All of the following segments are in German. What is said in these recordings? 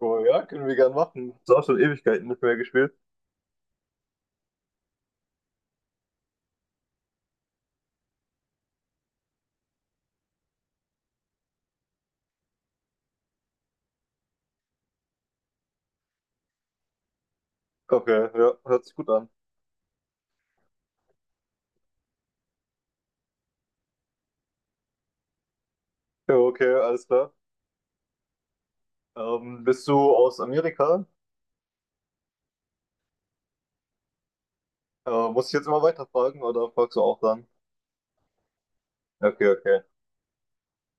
Oh ja, können wir gern machen. Ist auch schon Ewigkeiten nicht mehr gespielt. Okay, ja, ja, hört sich gut an. Ja, okay, alles klar. Bist du aus Amerika? Muss ich jetzt immer weiterfragen oder fragst du auch dann? Okay, okay.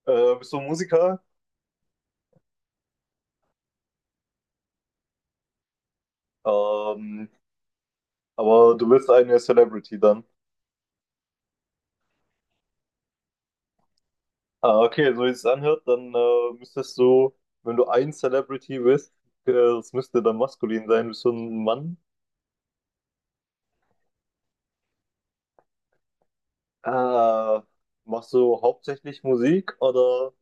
Bist du Musiker? Ähm, aber du bist eine Celebrity dann. Ah, okay, so wie es anhört, dann müsstest du, wenn du ein Celebrity bist, das müsste dann maskulin sein. Bist du ein Mann? Ah, machst du hauptsächlich Musik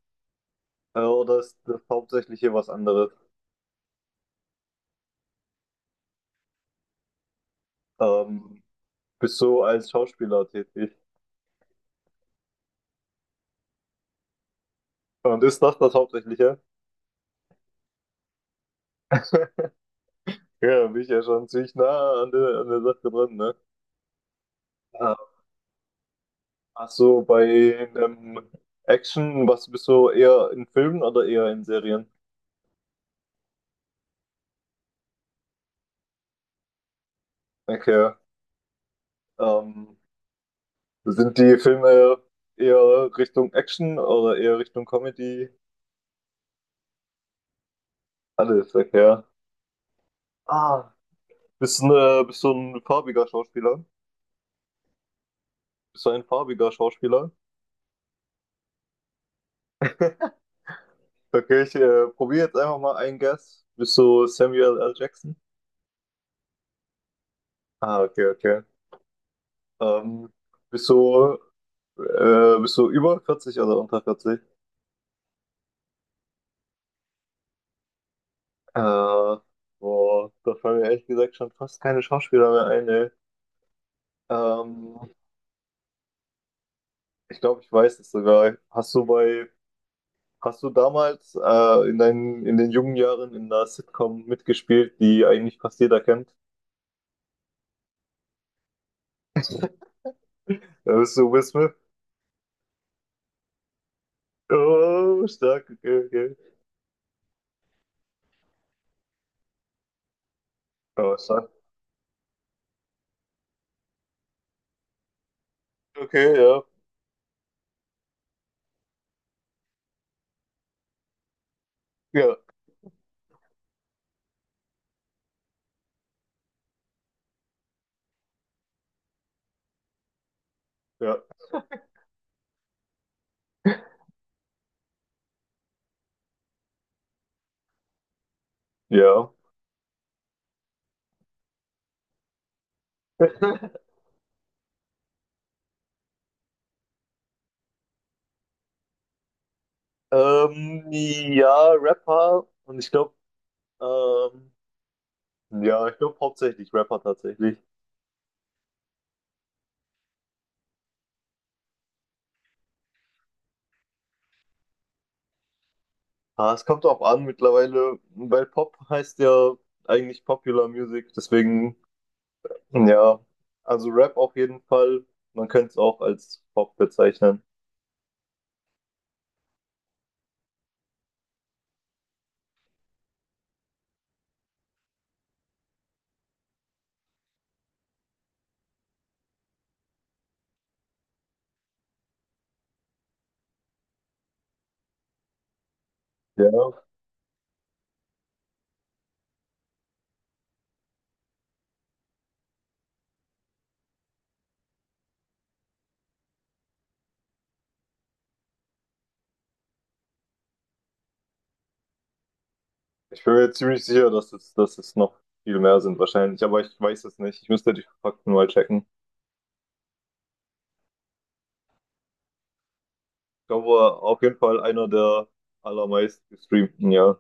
Oder ist das Hauptsächliche was anderes? Ähm, bist du als Schauspieler tätig? Und ist das das Hauptsächliche? Ja, da bin ich ja schon ziemlich nah an der Sache dran, ne? Äh, ach so, bei ähm, Action, was bist du eher in Filmen oder eher in Serien? Okay. Ähm, sind die Filme eher Richtung Action oder eher Richtung Comedy? Alles, okay. Ah. Bist du, ne, bist du ein farbiger Schauspieler? Bist du ein farbiger Schauspieler? Okay, ich probiere jetzt einfach mal einen Guess. Bist du Samuel L. Jackson? Ah, okay, okay. Ähm, bist du, bist du über 40 oder unter 40? Äh, boah, da fallen mir ehrlich gesagt schon fast keine Schauspieler mehr ein, ey. Ähm, ich glaube, ich weiß es sogar. Hast du damals in den jungen Jahren in einer Sitcom mitgespielt, die eigentlich fast jeder kennt? Bist du Will Smith? Oh, stark, okay, okay. Oh, stark. Okay, ja. Ja, ja. Ja. Ja, Rapper. Und ich glaube, ähm, ja, ich glaube hauptsächlich Rapper tatsächlich. Ah, es kommt auch an mittlerweile, weil Pop heißt ja eigentlich Popular Music. Deswegen, ja, also Rap auf jeden Fall. Man könnte es auch als Pop bezeichnen. Ja, ich bin mir ziemlich sicher, dass es noch viel mehr sind wahrscheinlich, aber ich weiß es nicht. Ich müsste die Fakten mal checken. Ich glaube, auf jeden Fall einer der allermeist gestreamten, ja.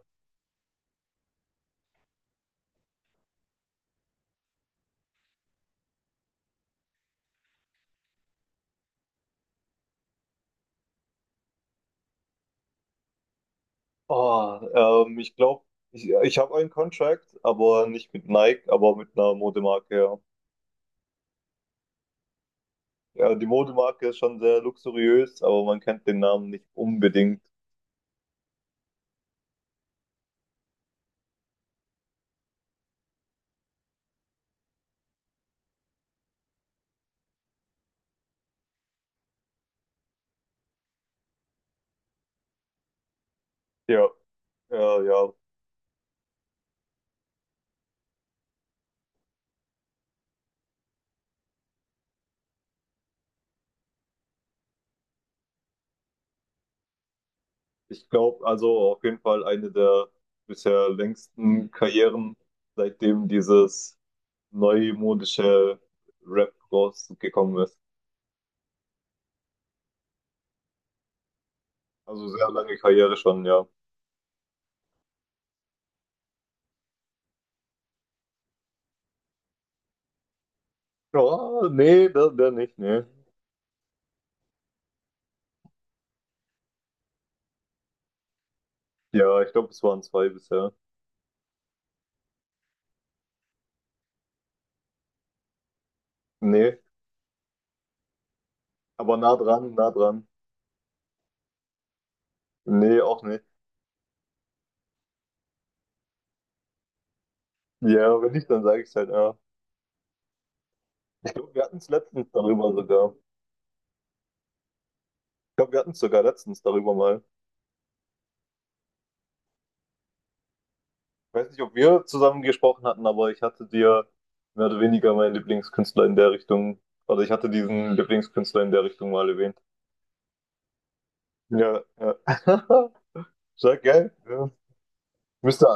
Oh, ich glaube, ich habe einen Contract, aber nicht mit Nike, aber mit einer Modemarke, ja. Ja, die Modemarke ist schon sehr luxuriös, aber man kennt den Namen nicht unbedingt. Ja, ja, ja. Ich glaube, also auf jeden Fall eine der bisher längsten Karrieren, seitdem dieses neumodische Rap rausgekommen ist. Also sehr lange Karriere schon, ja. Ja, nee, der nicht, nee. Ja, ich glaube, es waren zwei bisher. Nee, aber nah dran, nah dran. Nee, auch nicht. Ja, wenn nicht, dann sage ich es halt, ja. Ich glaube, wir hatten es letztens darüber sogar. Ich glaube, wir hatten es sogar letztens darüber mal. Ich weiß nicht, ob wir zusammen gesprochen hatten, aber ich hatte dir mehr oder weniger meinen Lieblingskünstler in der Richtung, oder ich hatte diesen Lieblingskünstler in der Richtung mal erwähnt. Ja, ja. Sehr geil. Ja. Müsste,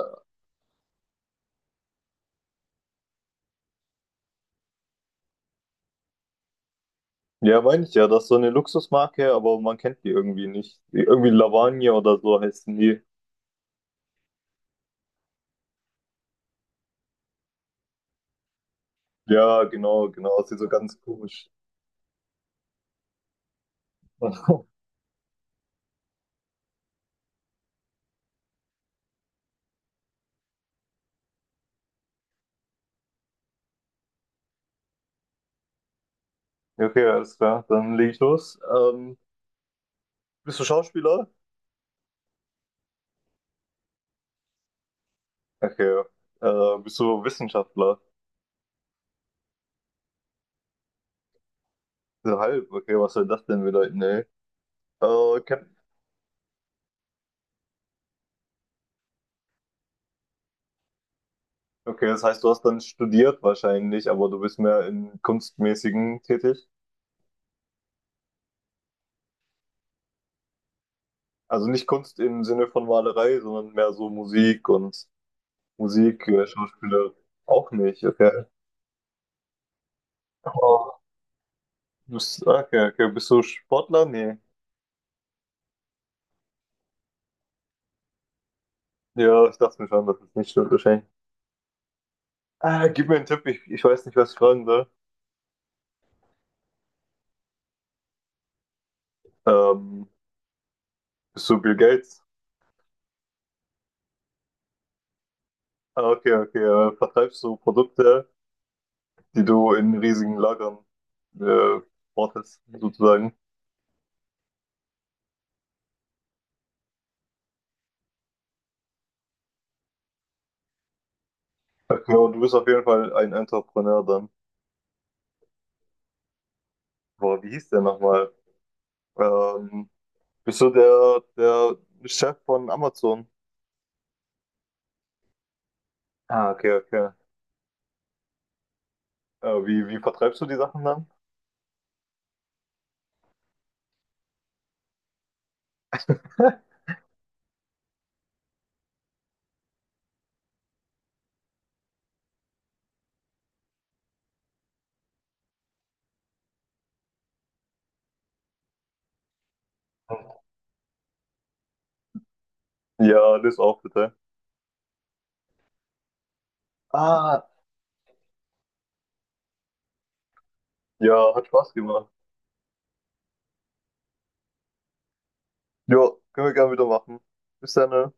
ja, meine ich ja, das ist so eine Luxusmarke, aber man kennt die irgendwie nicht. Die- Irgendwie Lavagne oder so heißen die. Ja, genau, genau, ist die so ganz komisch. Okay, alles klar, dann leg ich los. Bist du Schauspieler? Okay. Bist du Wissenschaftler? So halb, okay, was soll das denn bedeuten, ey? Okay. Okay, das heißt, du hast dann studiert wahrscheinlich, aber du bist mehr in Kunstmäßigen tätig. Also nicht Kunst im Sinne von Malerei, sondern mehr so Musik und Schauspieler auch nicht, okay. Oh, du bist, okay, okay, bist du Sportler? Nee. Ja, ich dachte mir schon, dass es nicht stimmt wahrscheinlich. Ah, gib mir einen Tipp, ich weiß nicht, was ich fragen soll. Ähm, Bist du Bill Gates? Ah, okay, okay. Vertreibst du Produkte, die du in riesigen Lagern äh, wartest, sozusagen. Okay, und du bist auf jeden Fall ein Entrepreneur dann. Boah, wie hieß der nochmal? Ähm, bist du der Chef von Amazon? Ah, okay, okay. Äh, wie vertreibst du die Sachen dann? Ja, das auch bitte. Ah, ja, hat Spaß gemacht. Ja, können wir gerne wieder machen. Bis dann, ne?